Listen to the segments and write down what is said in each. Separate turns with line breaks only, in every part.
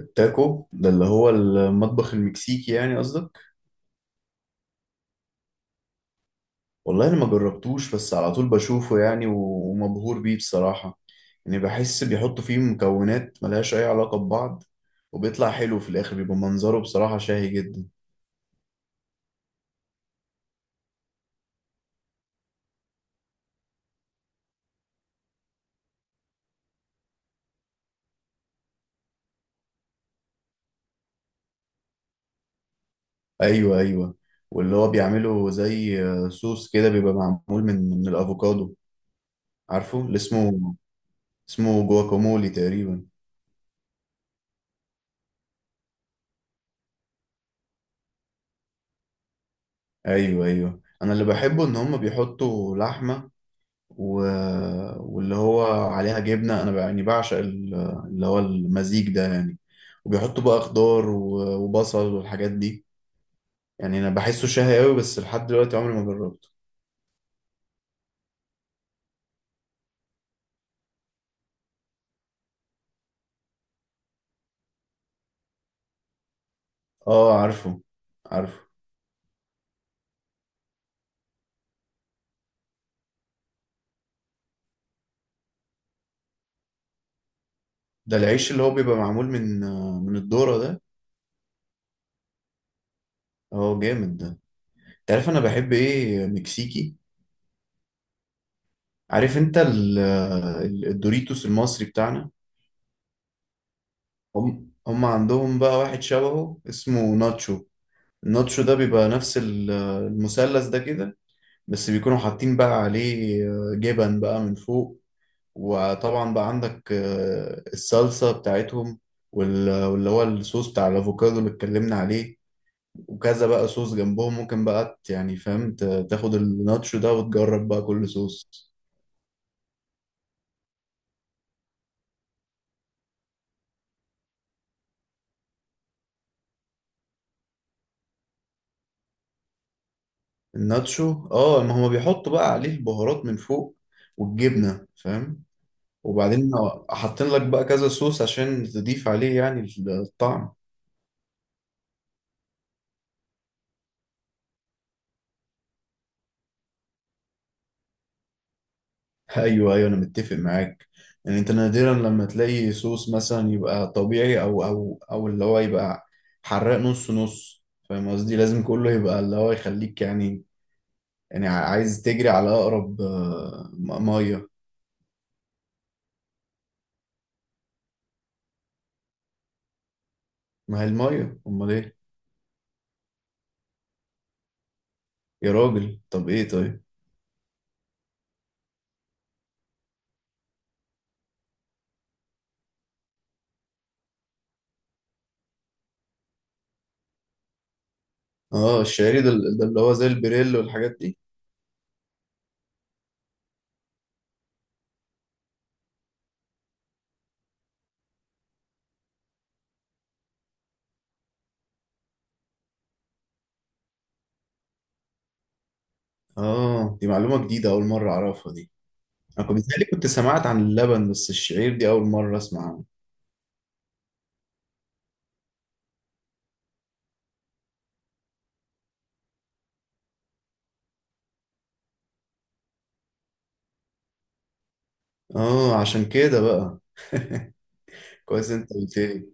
التاكو ده اللي هو المطبخ المكسيكي يعني قصدك؟ والله انا ما جربتوش، بس على طول بشوفه يعني ومبهور بيه بصراحة. يعني بحس بيحطوا فيه مكونات ملهاش اي علاقة ببعض، وبيطلع حلو في الاخر، بيبقى منظره بصراحة شاهي جدا. ايوه، ايوه. واللي هو بيعمله زي صوص كده، بيبقى معمول من الافوكادو. عارفه اللي اسمه؟ اسمه جواكامولي تقريبا. ايوه، ايوه، انا اللي بحبه ان هم بيحطوا لحمة و... واللي هو عليها جبنة. أنا يعني بعشق اللي هو المزيج ده يعني. وبيحطوا بقى خضار وبصل والحاجات دي. يعني أنا بحسه شهي أوي، بس لحد دلوقتي عمري ما جربته. آه، عارفه. عارفه. ده العيش اللي هو بيبقى معمول من الذرة ده. اه، جامد ده. انت عارف انا بحب ايه مكسيكي؟ عارف انت الدوريتوس المصري بتاعنا؟ هم عندهم بقى واحد شبهه اسمه ناتشو. النوتش ده بيبقى نفس المثلث ده كده، بس بيكونوا حاطين بقى عليه جبن بقى من فوق، وطبعا بقى عندك الصلصة بتاعتهم، واللي هو الصوص بتاع الأفوكادو اللي اتكلمنا عليه، وكذا بقى صوص جنبهم. ممكن بقى يعني فاهم، تاخد الناتشو ده وتجرب بقى كل صوص. الناتشو، اه، ما هما بيحطوا بقى عليه البهارات من فوق والجبنة، فاهم، وبعدين حاطين لك بقى كذا صوص عشان تضيف عليه يعني الطعم. ايوه، ايوه، انا متفق معاك. يعني انت نادرا لما تلاقي صوص مثلا يبقى طبيعي، او اللي هو يبقى حراق نص نص. فاهم قصدي؟ لازم كله يبقى اللي هو يخليك يعني، يعني عايز تجري على اقرب ميه. ما هي الميه، امال ايه؟ يا راجل طب ايه طيب. اه، الشعري ده، ده اللي هو زي البريل والحاجات دي. اه، دي معلومه جديده، اول مره اعرفها دي. انا كنت بيتهيألي كنت سمعت عن اللبن، بس الشعير دي اول مره اسمع عنه. اه، عشان كده بقى. كويس انت قلت لي.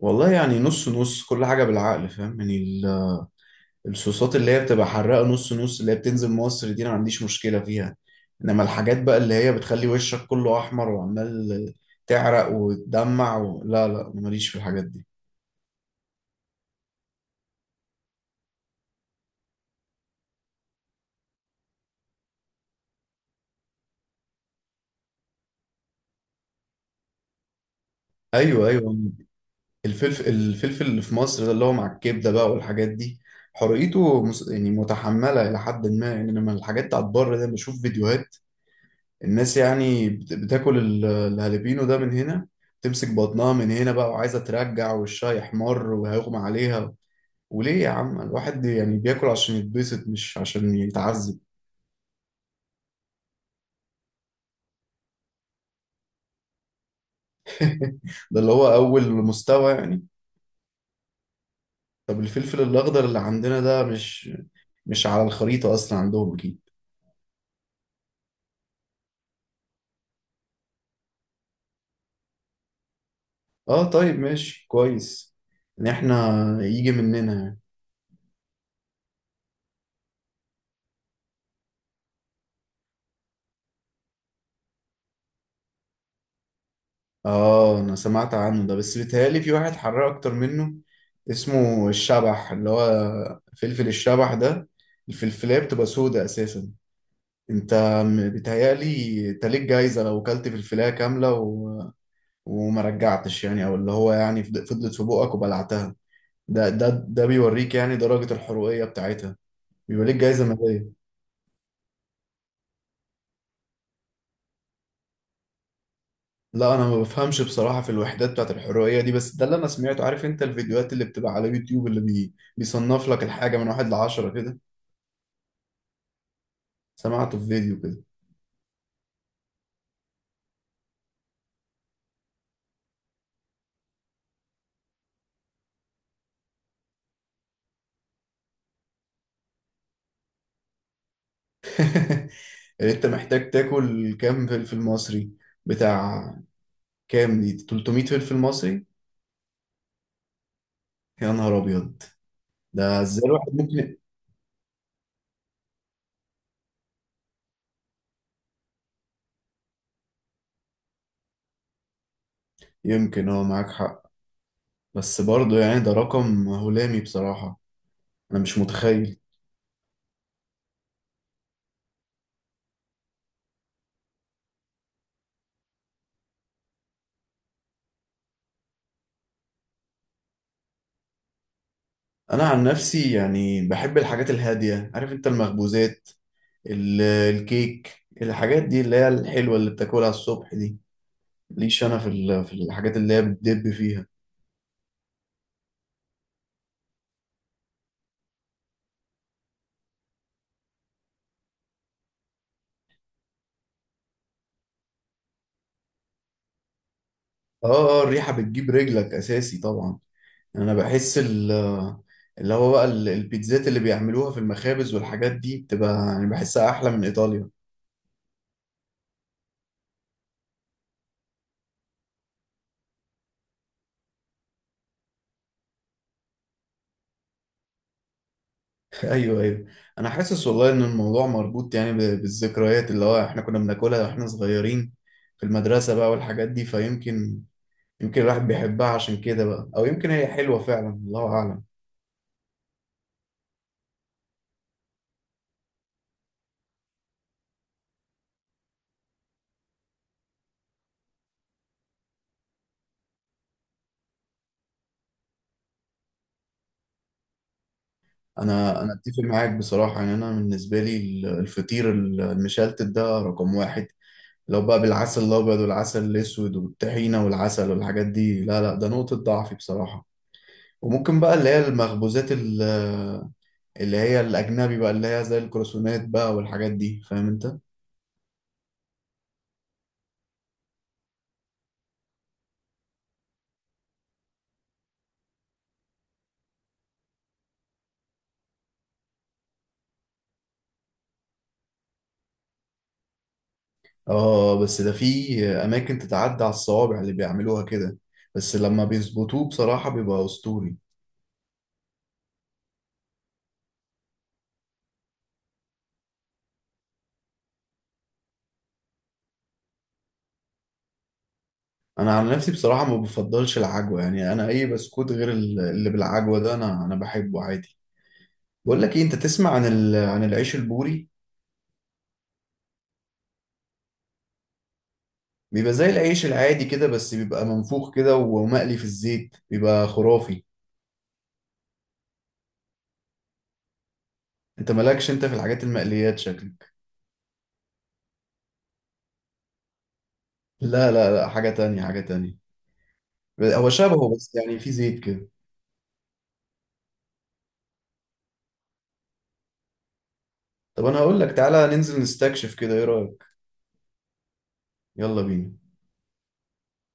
والله يعني نص نص، كل حاجه بالعقل، فاهم يعني الصوصات اللي هي بتبقى حراقه نص نص اللي هي بتنزل مصر دي، انا ما عنديش مشكله فيها. انما الحاجات بقى اللي هي بتخلي وشك كله احمر، وعمال تعرق وتدمع لا، لا، ماليش في الحاجات دي. ايوه، ايوه، الفلفل اللي في مصر ده، اللي هو مع الكبده بقى والحاجات دي، حرقته يعني متحمله الى حد ما يعني. انما الحاجات بتاعت بره ده، بشوف فيديوهات الناس يعني بتاكل الهالبينو ده من هنا، تمسك بطنها من هنا بقى، وعايزة ترجع وشها يحمر وهيغمى عليها. وليه يا عم؟ الواحد يعني بياكل عشان يتبسط مش عشان يتعذب. ده اللي هو أول مستوى يعني. طب الفلفل الأخضر اللي عندنا ده مش على الخريطة أصلا عندهم أكيد. اه، طيب، ماشي، كويس إن إحنا يجي مننا يعني. اه، انا سمعت عنه ده، بس بيتهيألي في واحد حراق اكتر منه، اسمه الشبح، اللي هو فلفل الشبح ده، الفلفلاية بتبقى سودة اساسا. انت بيتهيألي انت ليك جايزة لو اكلت فلفلاية كاملة وما رجعتش يعني، او اللي هو يعني فضلت في بقك وبلعتها، ده بيوريك يعني درجة الحروقية بتاعتها، بيبقى ليك جايزة مالية. لا، انا ما بفهمش بصراحه في الوحدات بتاعت الحريه دي، بس ده اللي انا سمعته. عارف انت الفيديوهات اللي بتبقى على يوتيوب اللي بيصنف لك الحاجه من واحد لعشرة كده، سمعته في فيديو كده. انت محتاج تاكل كام فلفل مصري؟ بتاع كام دي؟ 300 فلفل مصري؟ يا نهار ابيض. ده ازاي الواحد ممكن؟ يمكن، اه، معاك حق، بس برضه يعني ده رقم هلامي بصراحه، انا مش متخيل. انا عن نفسي يعني بحب الحاجات الهاديه، عارف انت المخبوزات، الكيك، الحاجات دي اللي هي الحلوة اللي بتاكلها الصبح دي، ليش انا في الحاجات اللي هي بتدب فيها. اه، اه، الريحة بتجيب رجلك اساسي طبعا. يعني انا بحس اللي هو بقى البيتزات اللي بيعملوها في المخابز والحاجات دي بتبقى يعني بحسها احلى من ايطاليا. ايوه، ايوه، انا حاسس والله ان الموضوع مربوط يعني بالذكريات اللي هو احنا كنا بناكلها واحنا صغيرين في المدرسة بقى والحاجات دي، فيمكن، يمكن الواحد بيحبها عشان كده بقى، او يمكن هي حلوة فعلا، الله اعلم. انا اتفق معاك بصراحه، يعني انا بالنسبه لي الفطير المشلتت ده رقم واحد، لو بقى بالعسل الابيض والعسل الاسود والطحينه والعسل والحاجات دي، لا، لا، ده نقطه ضعفي بصراحه. وممكن بقى اللي هي المخبوزات اللي هي الاجنبي بقى، اللي هي زي الكروسونات بقى والحاجات دي، فاهم انت. اه، بس ده في اماكن تتعدى على الصوابع اللي بيعملوها كده، بس لما بيظبطوه بصراحه بيبقى اسطوري. انا عن نفسي بصراحه ما بفضلش العجوه، يعني انا اي بسكوت غير اللي بالعجوه ده انا بحبه عادي. بقول لك ايه، انت تسمع عن عن العيش البوري؟ بيبقى زي العيش العادي كده، بس بيبقى منفوخ كده، ومقلي في الزيت، بيبقى خرافي. انت مالكش انت في الحاجات المقليات شكلك. لا، لا، لا، حاجه تانية، حاجه تانية. هو شبهه، بس يعني في زيت كده. طب انا هقول لك، تعالى ننزل نستكشف كده، ايه رايك؟ يلا بينا.